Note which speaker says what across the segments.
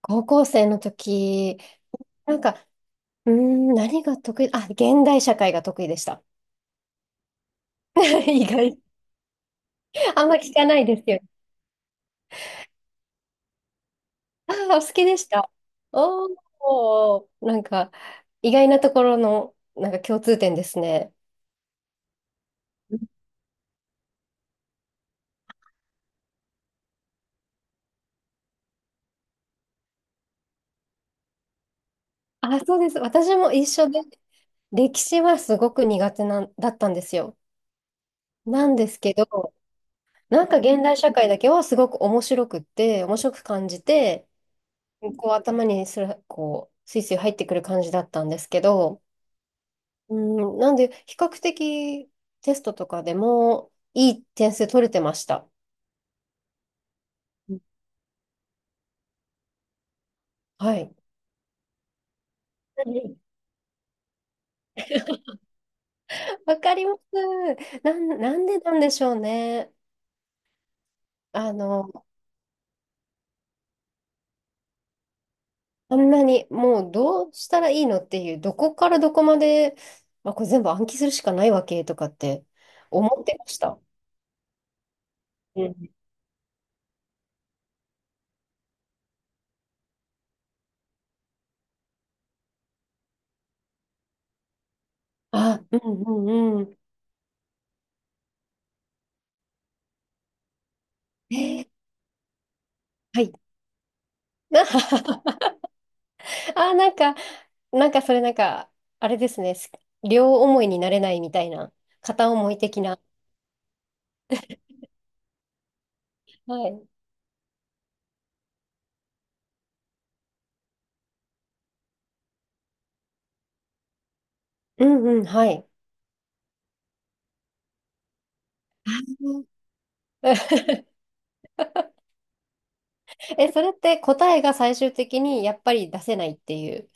Speaker 1: 高校生の時、なんか、何が得意、あ、現代社会が得意でした。意外、あんま聞かないですよ。ああ、お好きでした。おお、なんか、意外なところの、なんか共通点ですね。あ、そうです。私も一緒で、歴史はすごく苦手なんだったんですよ。なんですけど、なんか現代社会だけはすごく面白くって、面白く感じて、こう頭にすら、こう、スイスイ入ってくる感じだったんですけど、うん、なんで、比較的テストとかでもいい点数取れてました。うん、はい。わかります。なんでなんでしょうね。あの、あんなにもうどうしたらいいのっていう、どこからどこまで、まあ、これ全部暗記するしかないわけとかって思ってました。うん、あ、うんうんうん。えー、はい。あー、なんか、なんかそれなんか、あれですね。両思いになれないみたいな、片思い的な。はい。うんうん、はい。あ、え、それって答えが最終的にやっぱり出せないっていう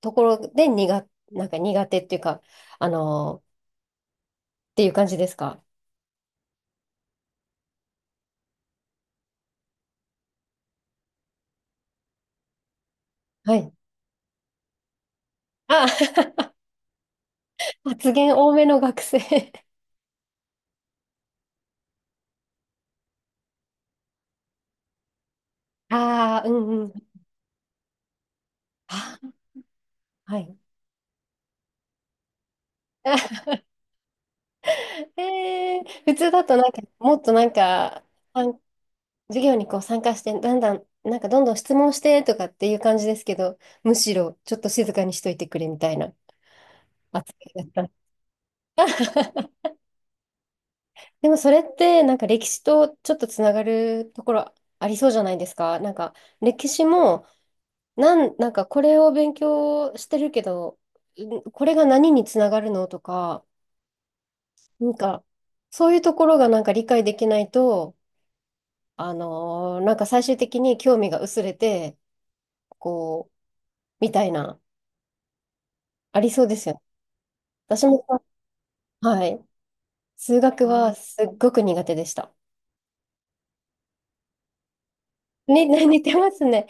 Speaker 1: ところでなんか苦手っていうか、あのー、っていう感じですか？はい。あ、発言多めの学生。ああ、うんうん。あ、はい。えー、普通だとなんか、もっとなんか、授業にこう参加して、だんだん、なんかどんどん質問してとかっていう感じですけど、むしろちょっと静かにしといてくれみたいな扱いだった。でもそれってなんか歴史とちょっとつながるところありそうじゃないですか。なんか歴史もなんかこれを勉強してるけど、んこれが何につながるのとか、なんかそういうところがなんか理解できないと、あのーなんか最終的に興味が薄れて、こう、みたいな、ありそうですよね。私も、はい。数学はすっごく苦手でした。ね、似てますね。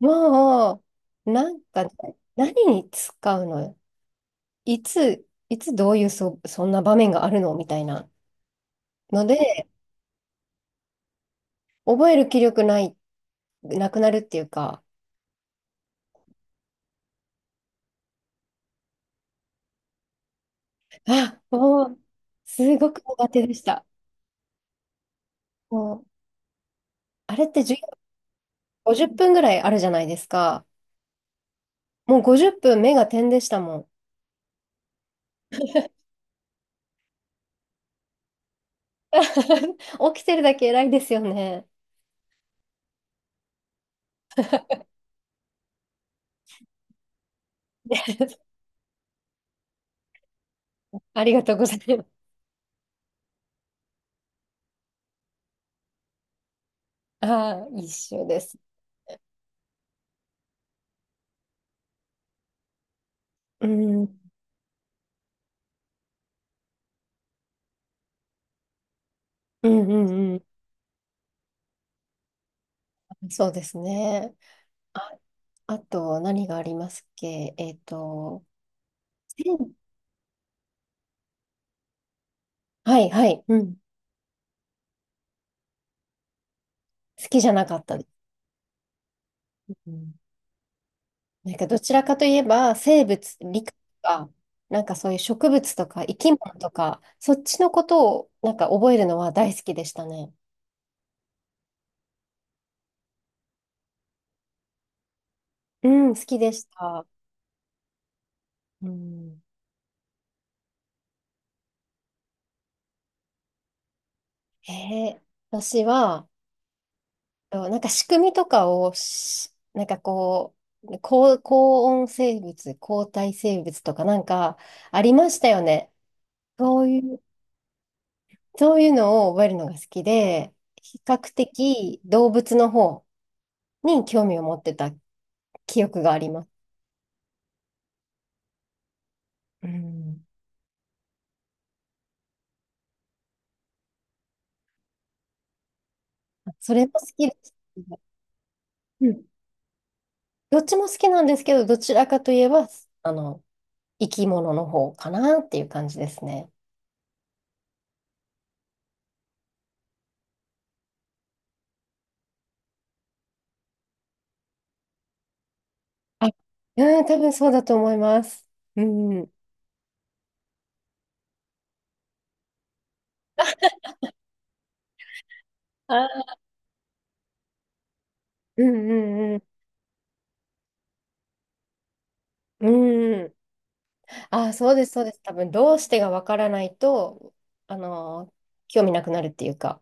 Speaker 1: もう、なんかね、何に使うの、いつどういうそんな場面があるのみたいなので、覚える気力ない、なくなるっていうか、あ、もう、すごく苦手でした。もう、あれって授業50分ぐらいあるじゃないですか。もう50分目が点でしたもん。起きてるだけ偉いですよね。ありがとうございます。ああ、一緒です。うん、うんうんうん。そうですね。あ、あと、何がありますっけ、西部、はいはい。うん。好きじゃなかったです。うん、なんか、どちらかといえば、生物、理科とか、なんかそういう植物とか生き物とか、そっちのことをなんか覚えるのは大好きでしたね。うん、好きでした。うん、えー、私は、と、なんか仕組みとかをなんかこう、高温生物、高体生物とかなんかありましたよね。そういう、そういうのを覚えるのが好きで、比較的動物の方に興味を持ってた記憶があります。うん。それも好きです。うん。どっちも好きなんですけど、どちらかといえば、あの、生き物の方かなっていう感じですね。あ、うん、多分そうだと思います。うん。はい、うんうんうん。うん。ああ、そうです、そうです。多分、どうしてがわからないと、あの、興味なくなるっていうか。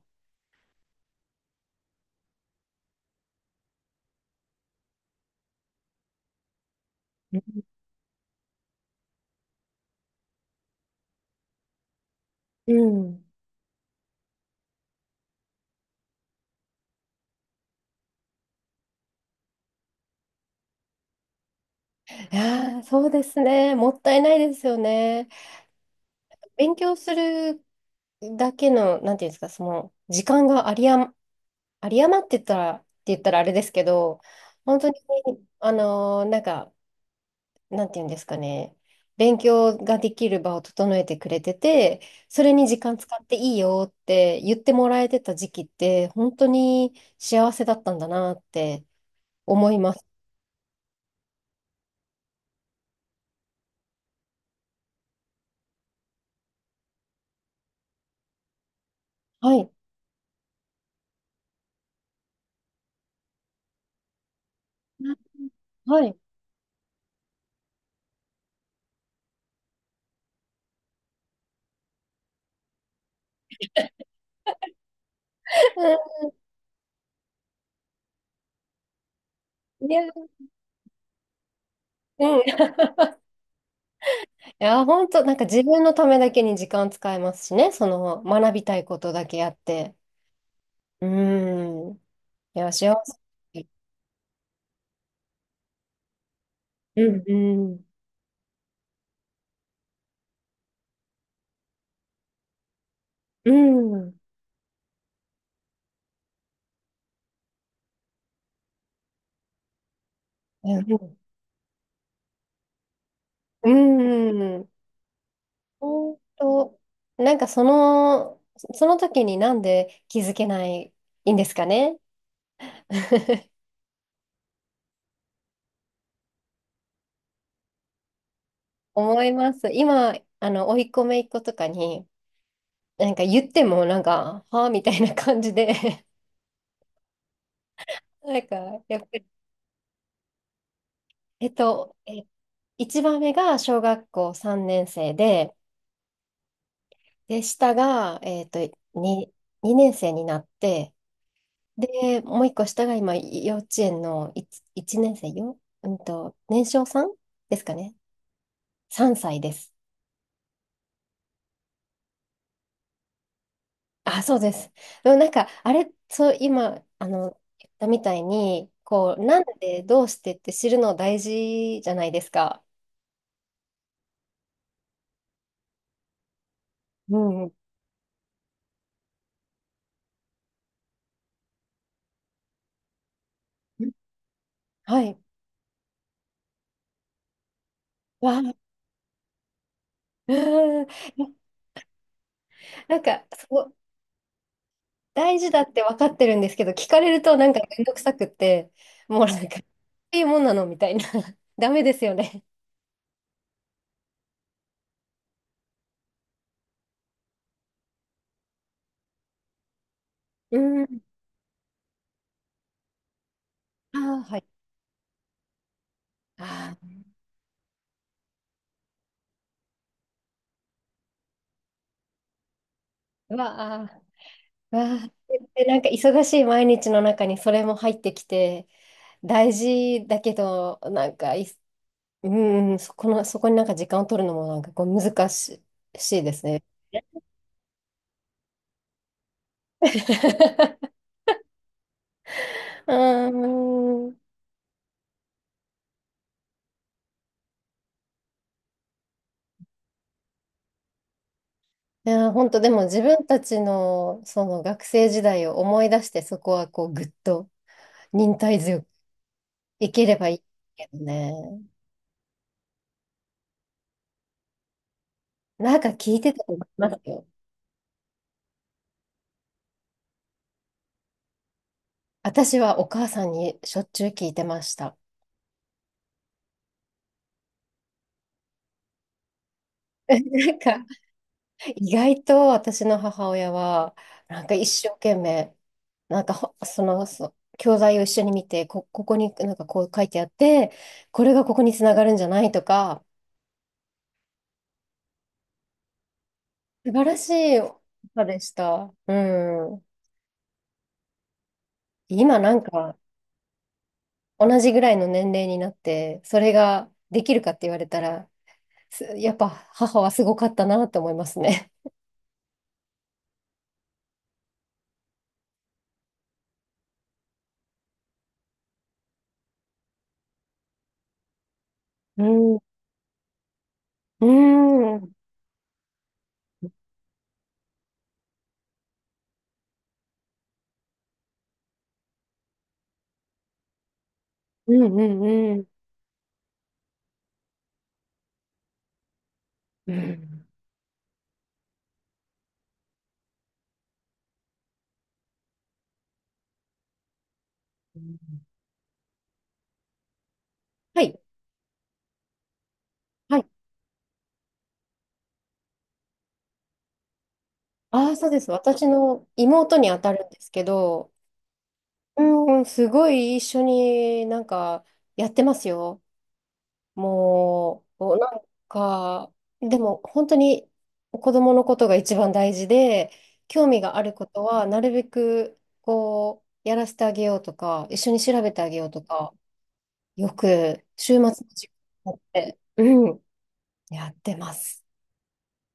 Speaker 1: うん。いやー、そうですね。もったいないですよね。勉強するだけの、なんていうんですか、その、時間がありあま、あり余ってたら、って言ったらあれですけど、本当に、あのーなんか、なんていうんですかね、勉強ができる場を整えてくれてて、それに時間使っていいよって言ってもらえてた時期って、本当に幸せだったんだなって思います。はい。はい。うん、いや、うん。いや、本当、なんか自分のためだけに時間使えますしね、その学びたいことだけやって。うん。いや、幸せ。うん、うん、うん、うん、うん。ほんと、なんかその、その時になんで気づけないんですかね。 思います。今、あの、甥っ子姪っ子とかに、なんか言っても、なんか、はあみたいな感じで。 なんか、やっぱり、えっと、え、一番目が小学校3年生で、で、下が、えっと、2、2年生になって、で、もう一個下が今、幼稚園の1、一年生よ、うんと、年少さんですかね。3歳です。あ、そうです。でもなんか、あれ、そう、今、あの、言ったみたいに、こう、なんで、どうしてって知るの大事じゃないですか。うんうん。はい。わあ、うん。なんか、そう、大事だって分かってるんですけど、聞かれるとなんかめんどくさくって、もうなんか、こういうもんなのみたいな。ダメですよね。うん。ああ、はい。ああ、うわあ。わあ、でなんか忙しい毎日の中にそれも入ってきて、大事だけど、なんかい、うんうん、そこの、そこになんか時間を取るのもなんかこう難しい、しいですね。うん。いや、本当でも自分たちのその学生時代を思い出して、そこはこうぐっと忍耐強くいければいいけどね。なんか聞いてたと思いますよ。私はお母さんにしょっちゅう聞いてました。なんか意外と私の母親は、なんか一生懸命、なんかほその、そ教材を一緒に見て、ここになんかこう書いてあって、これがここにつながるんじゃないとか、素晴らしい母でした。うん。今なんか同じぐらいの年齢になって、それができるかって言われたら、すやっぱ母はすごかったなと思いますね。うん。うん。うんうんうん。うん。はい。はい、ああ、そうです。私の妹に当たるんですけど、うん、すごい一緒になんかやってますよ。もう、おなんか、でも本当に子供のことが一番大事で、興味があることはなるべくこう、やらせてあげようとか、一緒に調べてあげようとか、よく週末の時間になって、うん、やってます。